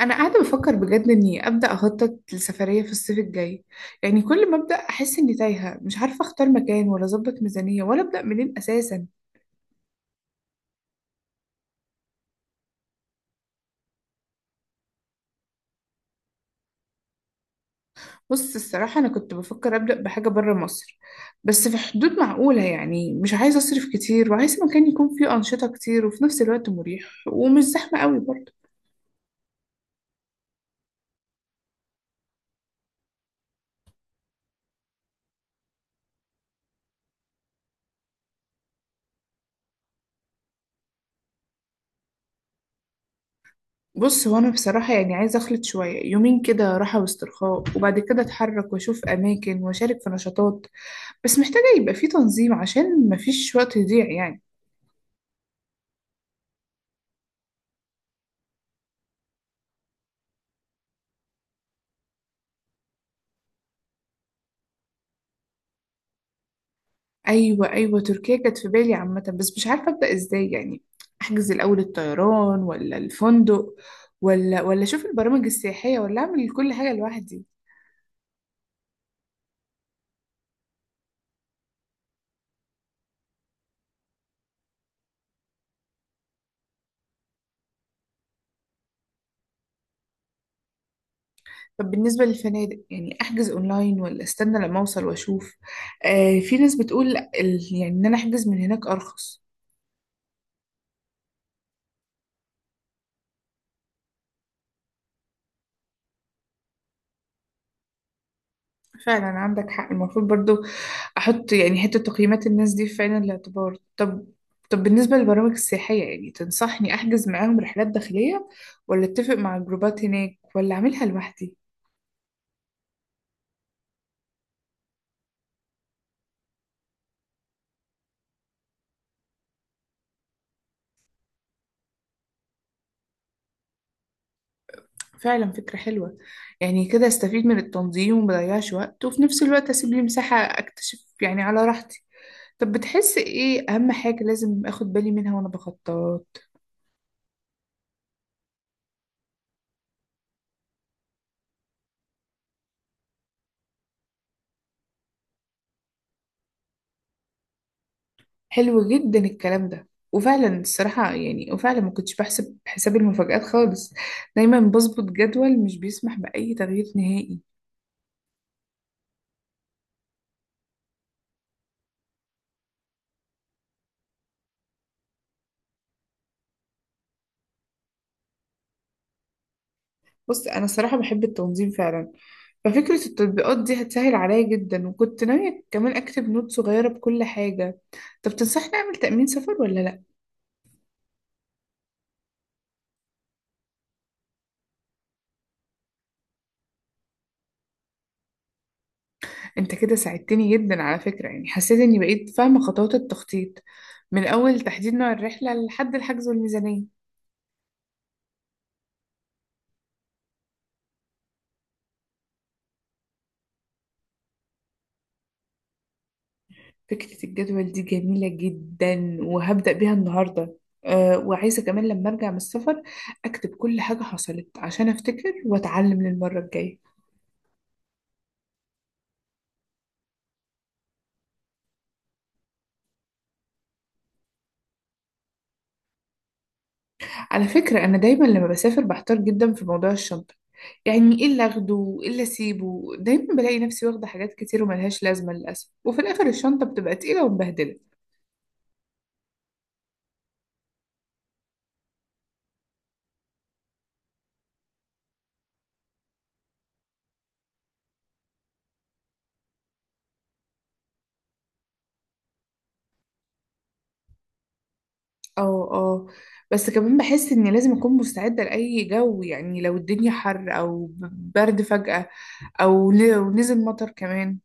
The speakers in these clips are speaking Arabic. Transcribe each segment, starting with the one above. انا قاعده بفكر بجد اني ابدا اخطط لسفريه في الصيف الجاي. يعني كل ما ابدا احس اني تايهه، مش عارفه اختار مكان ولا اظبط ميزانيه ولا ابدا منين اساسا. بص الصراحه انا كنت بفكر ابدا بحاجه بره مصر، بس في حدود معقوله. يعني مش عايزه اصرف كتير، وعايز مكان يكون فيه انشطه كتير وفي نفس الوقت مريح ومش زحمه قوي برضه. بص هو انا بصراحه يعني عايزه اخلط شويه، يومين كده راحه واسترخاء وبعد كده اتحرك واشوف اماكن واشارك في نشاطات. بس محتاجه يبقى فيه تنظيم عشان مفيش وقت يضيع يعني. ايوه ايوه، تركيا كانت في بالي عامه، بس مش عارفه ابدا ازاي. يعني احجز الاول الطيران ولا الفندق، ولا اشوف البرامج السياحيه، ولا اعمل كل حاجه لوحدي. طب بالنسبه للفنادق، يعني احجز اونلاين ولا استنى لما اوصل واشوف؟ آه، في ناس بتقول يعني ان انا احجز من هناك ارخص. فعلا عندك حق، المفروض برضو احط يعني حتة تقييمات الناس دي في عين الاعتبار. طب، طب بالنسبة للبرامج السياحية، يعني تنصحني احجز معاهم رحلات داخلية، ولا اتفق مع الجروبات هناك، ولا اعملها لوحدي؟ فعلا فكرة حلوة. يعني كده استفيد من التنظيم ومضيعش وقت، وفي نفس الوقت اسيب لي مساحة اكتشف يعني على راحتي. طب بتحس ايه اهم حاجة لازم اخد بالي منها وانا بخطط؟ حلو جدا الكلام ده، وفعلا الصراحة يعني وفعلا ما كنتش بحسب حساب المفاجآت خالص. دايما بظبط جدول مش بيسمح بأي تغيير نهائي. بص أنا الصراحة بحب التنظيم فعلا، ففكرة التطبيقات دي هتسهل عليا جدا، وكنت ناوية كمان أكتب نوت صغيرة بكل حاجة. طب تنصحني أعمل تأمين سفر ولا لأ؟ أنت كده ساعدتني جدا على فكرة. يعني حسيت إني بقيت فاهمة خطوات التخطيط من أول تحديد نوع الرحلة لحد الحجز والميزانية. فكرة الجدول دي جميلة جدا، وهبدأ بيها النهاردة. أه، وعايزة كمان لما أرجع من السفر أكتب كل حاجة حصلت عشان أفتكر وأتعلم للمرة الجاية. على فكرة، أنا دايما لما بسافر بحتار جدا في موضوع الشنطة. يعني إيه اللي أخده وإيه اللي أسيبه. دايما بلاقي نفسي واخدة حاجات كتير وملهاش لازمة للأسف، وفي الآخر الشنطة بتبقى تقيلة ومبهدلة. اه. اه. بس كمان بحس إني لازم أكون مستعدة لأي جو، يعني لو الدنيا حر أو برد فجأة، أو لو نزل مطر كمان.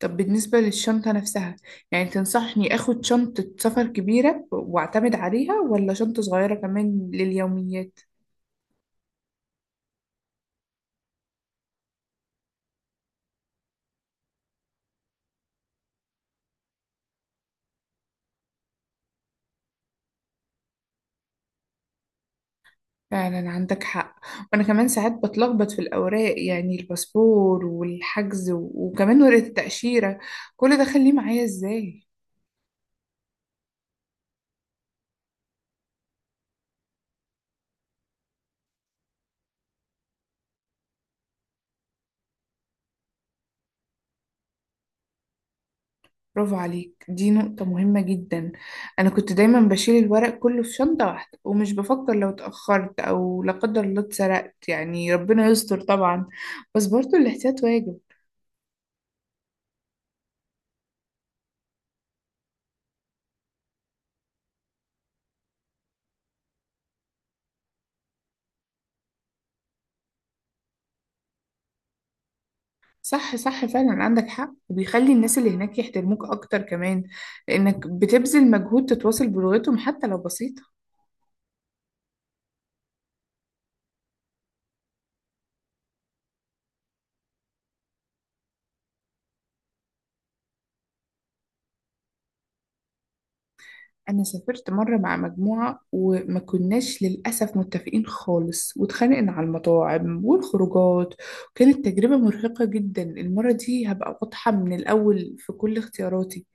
طب بالنسبة للشنطة نفسها، يعني تنصحني أخد شنطة سفر كبيرة وأعتمد عليها، ولا شنطة صغيرة كمان لليوميات؟ فعلا عندك حق. وأنا كمان ساعات بتلخبط في الأوراق، يعني الباسبور والحجز وكمان ورقة التأشيرة، كل ده خليه معايا إزاي؟ برافو عليك، دي نقطة مهمة جدا. أنا كنت دايما بشيل الورق كله في شنطة واحدة، ومش بفكر لو اتأخرت أو لا قدر الله اتسرقت، يعني ربنا يستر طبعا، بس برضه الاحتياط واجب. صح صح، فعلا عندك حق، وبيخلي الناس اللي هناك يحترموك أكتر كمان، لأنك بتبذل مجهود تتواصل بلغتهم حتى لو بسيطة. أنا سافرت مرة مع مجموعة وما كناش للأسف متفقين خالص، واتخانقنا على المطاعم والخروجات، وكانت تجربة مرهقة جدا. المرة دي هبقى واضحة من الأول في كل اختياراتي.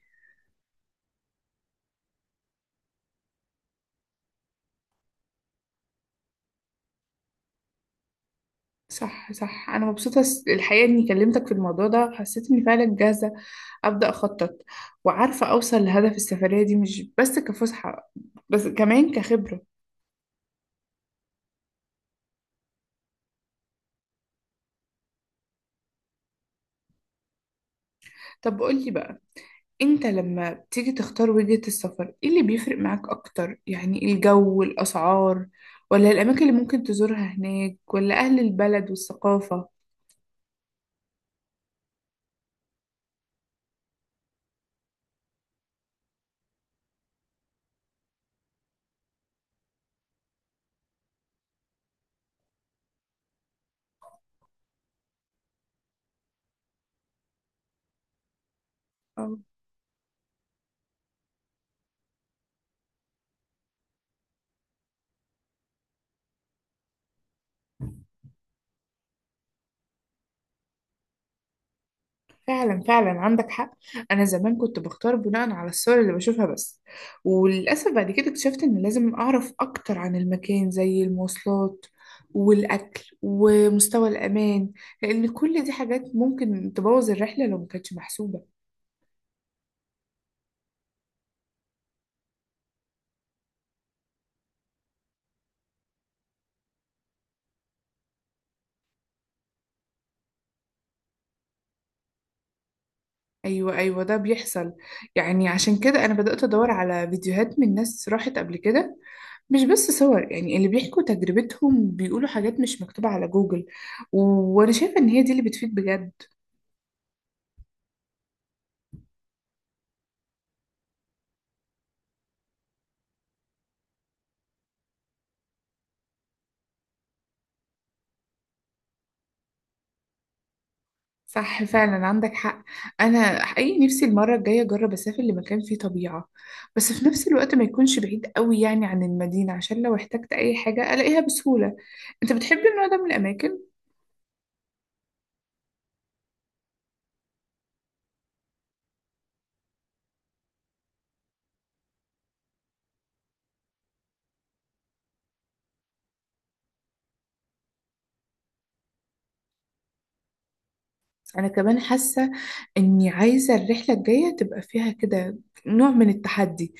صح صح، أنا مبسوطة الحقيقة إني كلمتك في الموضوع ده. حسيت إني فعلا جاهزة أبدأ أخطط، وعارفة أوصل لهدف السفرية دي مش بس كفسحة، بس كمان كخبرة. طب قولي بقى، أنت لما بتيجي تختار وجهة السفر، إيه اللي بيفرق معاك أكتر؟ يعني الجو، الأسعار، ولا الأماكن اللي ممكن تزورها هناك، ولا أهل البلد والثقافة؟ فعلا فعلا عندك حق. انا زمان كنت بختار بناء على الصور اللي بشوفها بس، وللاسف بعد كده اكتشفت ان لازم اعرف اكتر عن المكان، زي المواصلات والاكل ومستوى الامان، لان كل دي حاجات ممكن تبوظ الرحله لو ما كانتش محسوبه. ايوه ايوه، ده بيحصل. يعني عشان كده انا بدات ادور على فيديوهات من ناس راحت قبل كده، مش بس صور. يعني اللي بيحكوا تجربتهم بيقولوا حاجات مش مكتوبه على جوجل، و- وانا شايفه ان هي دي اللي بتفيد بجد. صح، فعلا عندك حق. انا حقيقي نفسي المره الجايه اجرب اسافر لمكان فيه طبيعه، بس في نفس الوقت ما يكونش بعيد قوي يعني عن المدينه، عشان لو احتجت اي حاجه الاقيها بسهوله. انت بتحب النوع ده من الاماكن؟ انا كمان حاسه اني عايزه الرحله الجايه تبقى فيها كده نوع من التحدي،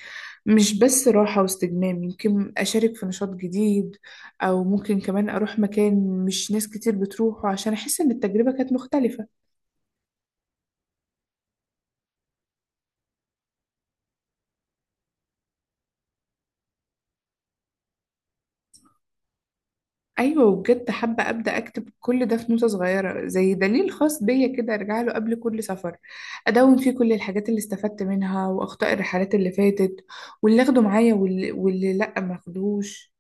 مش بس راحه واستجمام. يمكن اشارك في نشاط جديد، او ممكن كمان اروح مكان مش ناس كتير بتروحه، عشان احس ان التجربه كانت مختلفه. ايوه، وبجد حابه ابدا اكتب كل ده في نوتة صغيره زي دليل خاص بيا كده، ارجع له قبل كل سفر. ادون فيه كل الحاجات اللي استفدت منها واخطاء الرحلات اللي فاتت، واللي اخده معايا واللي لا ما اخدهوش.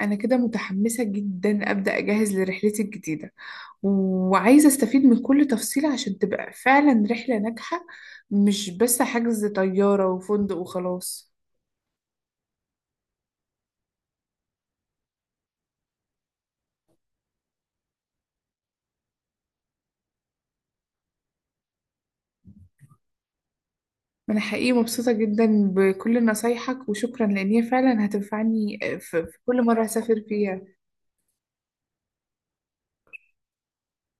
انا كده متحمسه جدا ابدا اجهز لرحلتي الجديده، وعايزه استفيد من كل تفصيله عشان تبقى فعلا رحله ناجحه، مش بس حجز طياره وفندق وخلاص. أنا حقيقي مبسوطة جدا بكل نصايحك، وشكرا، لأن هي فعلا هتنفعني في كل مرة هسافر فيها.